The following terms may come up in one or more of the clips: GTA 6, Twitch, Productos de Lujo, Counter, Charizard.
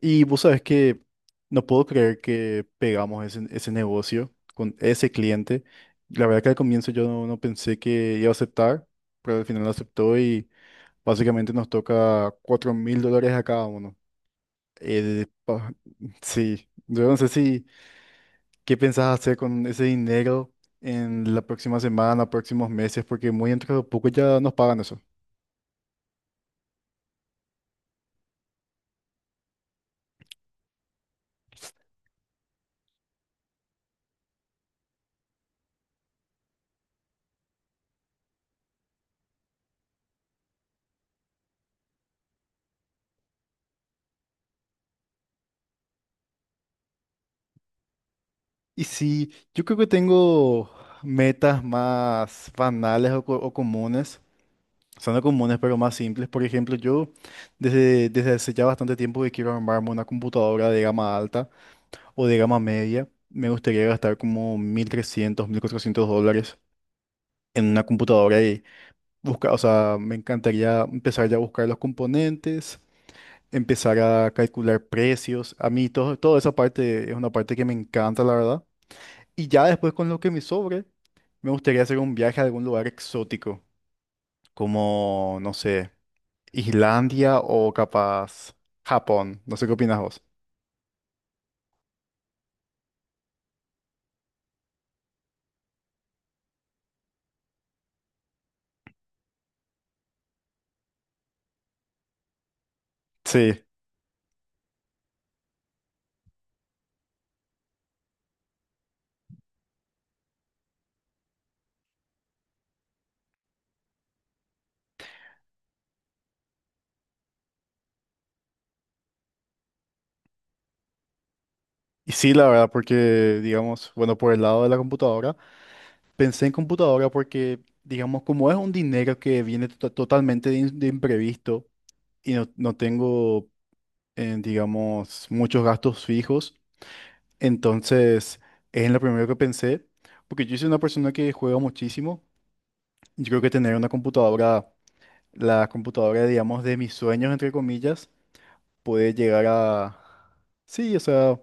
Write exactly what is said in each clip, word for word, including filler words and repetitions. Y vos sabés que no puedo creer que pegamos ese, ese negocio con ese cliente. La verdad que al comienzo yo no, no pensé que iba a aceptar, pero al final lo aceptó y básicamente nos toca cuatro mil dólares a cada uno. Eh, pa- sí, yo no sé si qué pensás hacer con ese dinero en la próxima semana, próximos meses, porque muy dentro de poco ya nos pagan eso. Y sí, yo creo que tengo metas más banales o, co- o comunes. Son comunes pero más simples. Por ejemplo, yo desde, desde hace ya bastante tiempo que quiero armarme una computadora de gama alta o de gama media. Me gustaría gastar como mil trescientos mil cuatrocientos dólares en una computadora y buscar, o sea, me encantaría empezar ya a buscar los componentes, empezar a calcular precios. A mí todo, toda esa parte es una parte que me encanta, la verdad. Y ya después con lo que me sobre, me gustaría hacer un viaje a algún lugar exótico, como, no sé. Islandia o capaz Japón. No sé qué opinas vos. Sí. Y sí, la verdad, porque, digamos, bueno, por el lado de la computadora, pensé en computadora porque, digamos, como es un dinero que viene to- totalmente de, in- de imprevisto y no, no tengo, eh, digamos, muchos gastos fijos, entonces es en lo primero que pensé, porque yo soy una persona que juega muchísimo. Yo creo que tener una computadora, la computadora, digamos, de mis sueños, entre comillas, poder llegar a... Sí, o sea,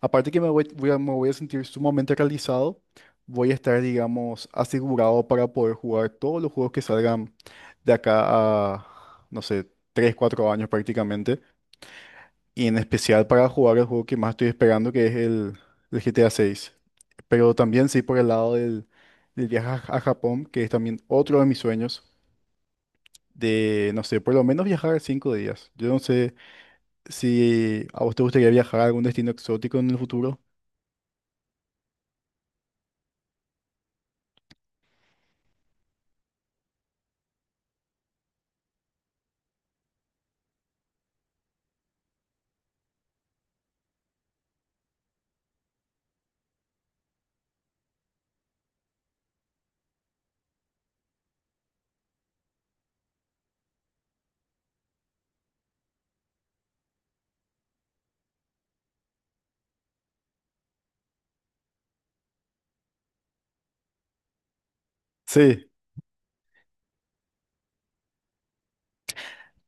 aparte que me voy, voy a, me voy a sentir sumamente realizado, voy a estar, digamos, asegurado para poder jugar todos los juegos que salgan de acá a, no sé, tres cuatro años prácticamente, y en especial para jugar el juego que más estoy esperando, que es el, el G T A seis. Pero también sí por el lado del, del viaje a Ja- a Japón, que es también otro de mis sueños, de, no sé, por lo menos viajar cinco días. Yo no sé si a vos te gustaría viajar a algún destino exótico en el futuro. Sí,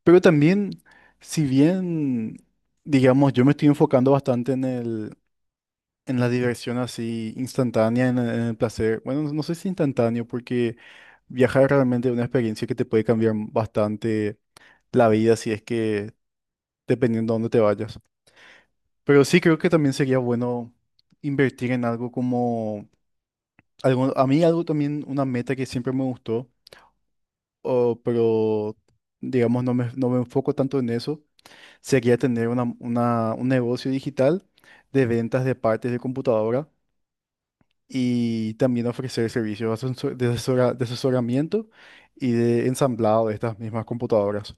pero también, si bien, digamos, yo me estoy enfocando bastante en el, en la diversión así instantánea, en el, en el placer. Bueno, no no sé si instantáneo, porque viajar es realmente una experiencia que te puede cambiar bastante la vida, si es que dependiendo de dónde te vayas. Pero sí creo que también sería bueno invertir en algo como, algo, a mí algo también, una meta que siempre me gustó o- pero digamos no me, no me enfoco tanto en eso. Sería tener una, una- un negocio digital de ventas de partes de computadora y también ofrecer servicios de asesor- de asesora- de asesoramiento y de ensamblado de estas mismas computadoras.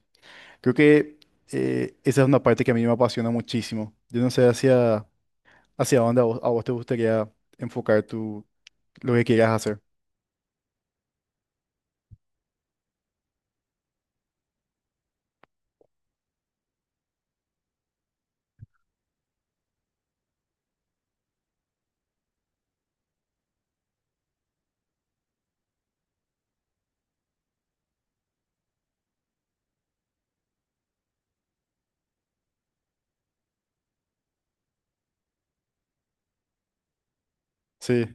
Creo que eh, esa es una parte que a mí me apasiona muchísimo. Yo no sé hacia, hacia dónde a vos, a vos te gustaría enfocar tu, lo que quieras hacer. Sí,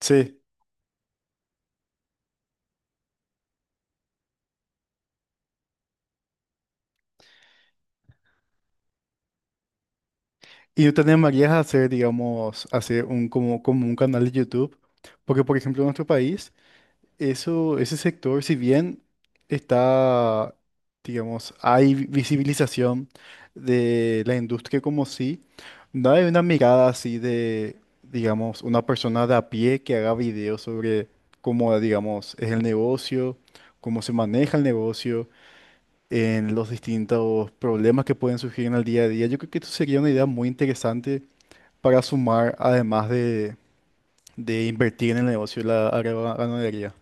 sí. Y yo te animarías a hacer, digamos, hacer un, como, como un canal de YouTube, porque por ejemplo en nuestro país, eso, ese sector, si bien está, digamos, hay vi- visibilización de la industria como sí, no hay una mirada así de, digamos, una persona de a pie que haga videos sobre cómo, digamos, es el negocio, cómo se maneja el negocio, en los distintos problemas que pueden surgir en el día a día. Yo creo que esto sería una idea muy interesante para sumar, además de, de invertir en el negocio de la agroganadería.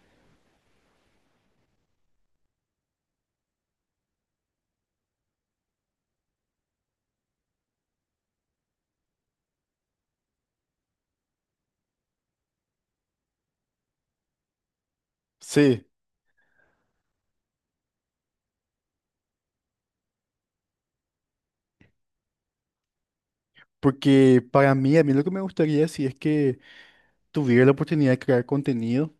Sí, porque para mí, a mí lo que me gustaría si es que tuviera la oportunidad de crear contenido.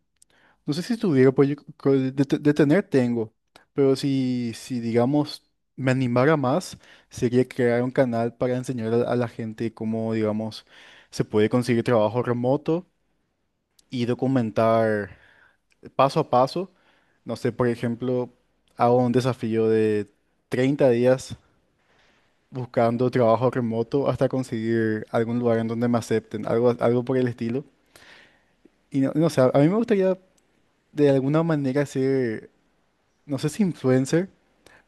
No sé si tuviera, pues yo creo de, de- de tener tengo, pero si, si digamos me animara más, sería crear un canal para enseñar a, a la gente cómo, digamos, se puede conseguir trabajo remoto y documentar paso a paso. No sé, por ejemplo, hago un desafío de treinta días buscando trabajo remoto hasta conseguir algún lugar en donde me acepten, algo, algo por el estilo. Y no, no sé, a mí me gustaría de alguna manera ser, no sé si influencer,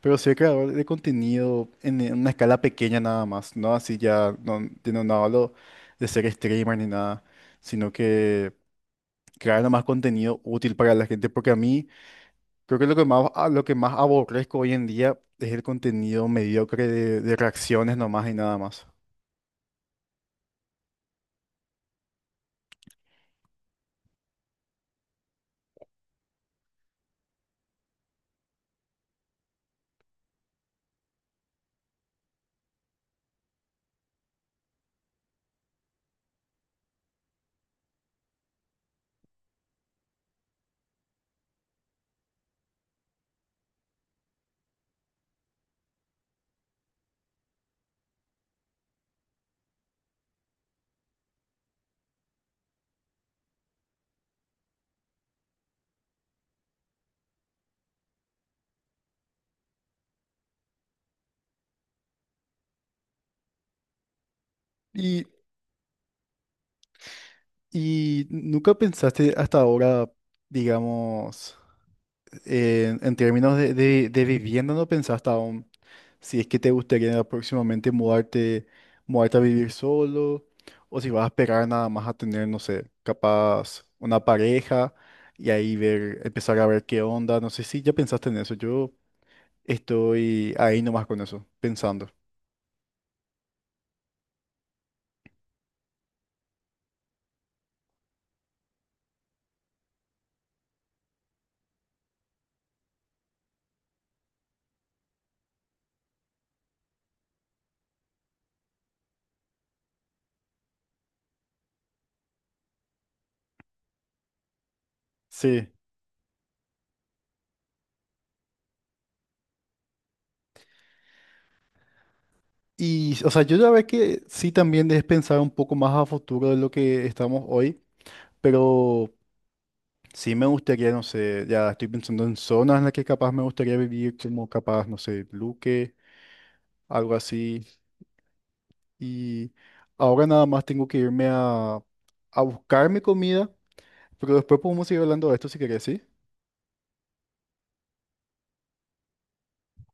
pero ser creador de contenido en en una escala pequeña nada más, ¿no? Así ya no, yo no, no hablo de ser streamer ni nada, sino que crear nada más contenido útil para la gente, porque a mí... Creo que lo que más, a- lo que más aborrezco hoy en día es el contenido mediocre de, de reacciones nomás y nada más. Y, y nunca pensaste hasta ahora, digamos, en, en términos de, de- de vivienda, no pensaste aún si es que te gustaría próximamente mudarte, mudarte a vivir solo o si vas a esperar nada más a tener, no sé, capaz una pareja y ahí ver, empezar a ver qué onda. No sé si ya pensaste en eso. Yo estoy ahí nomás con eso, pensando. Sí. Y, o sea, yo ya ve que sí también debes pensar un poco más a futuro de lo que estamos hoy, pero sí me gustaría, no sé, ya estoy pensando en zonas en las que capaz me gustaría vivir, como capaz, no sé, Luque, algo así. Y ahora nada más tengo que irme a, a buscar mi comida, pero después podemos seguir hablando de esto si querés, ¿sí?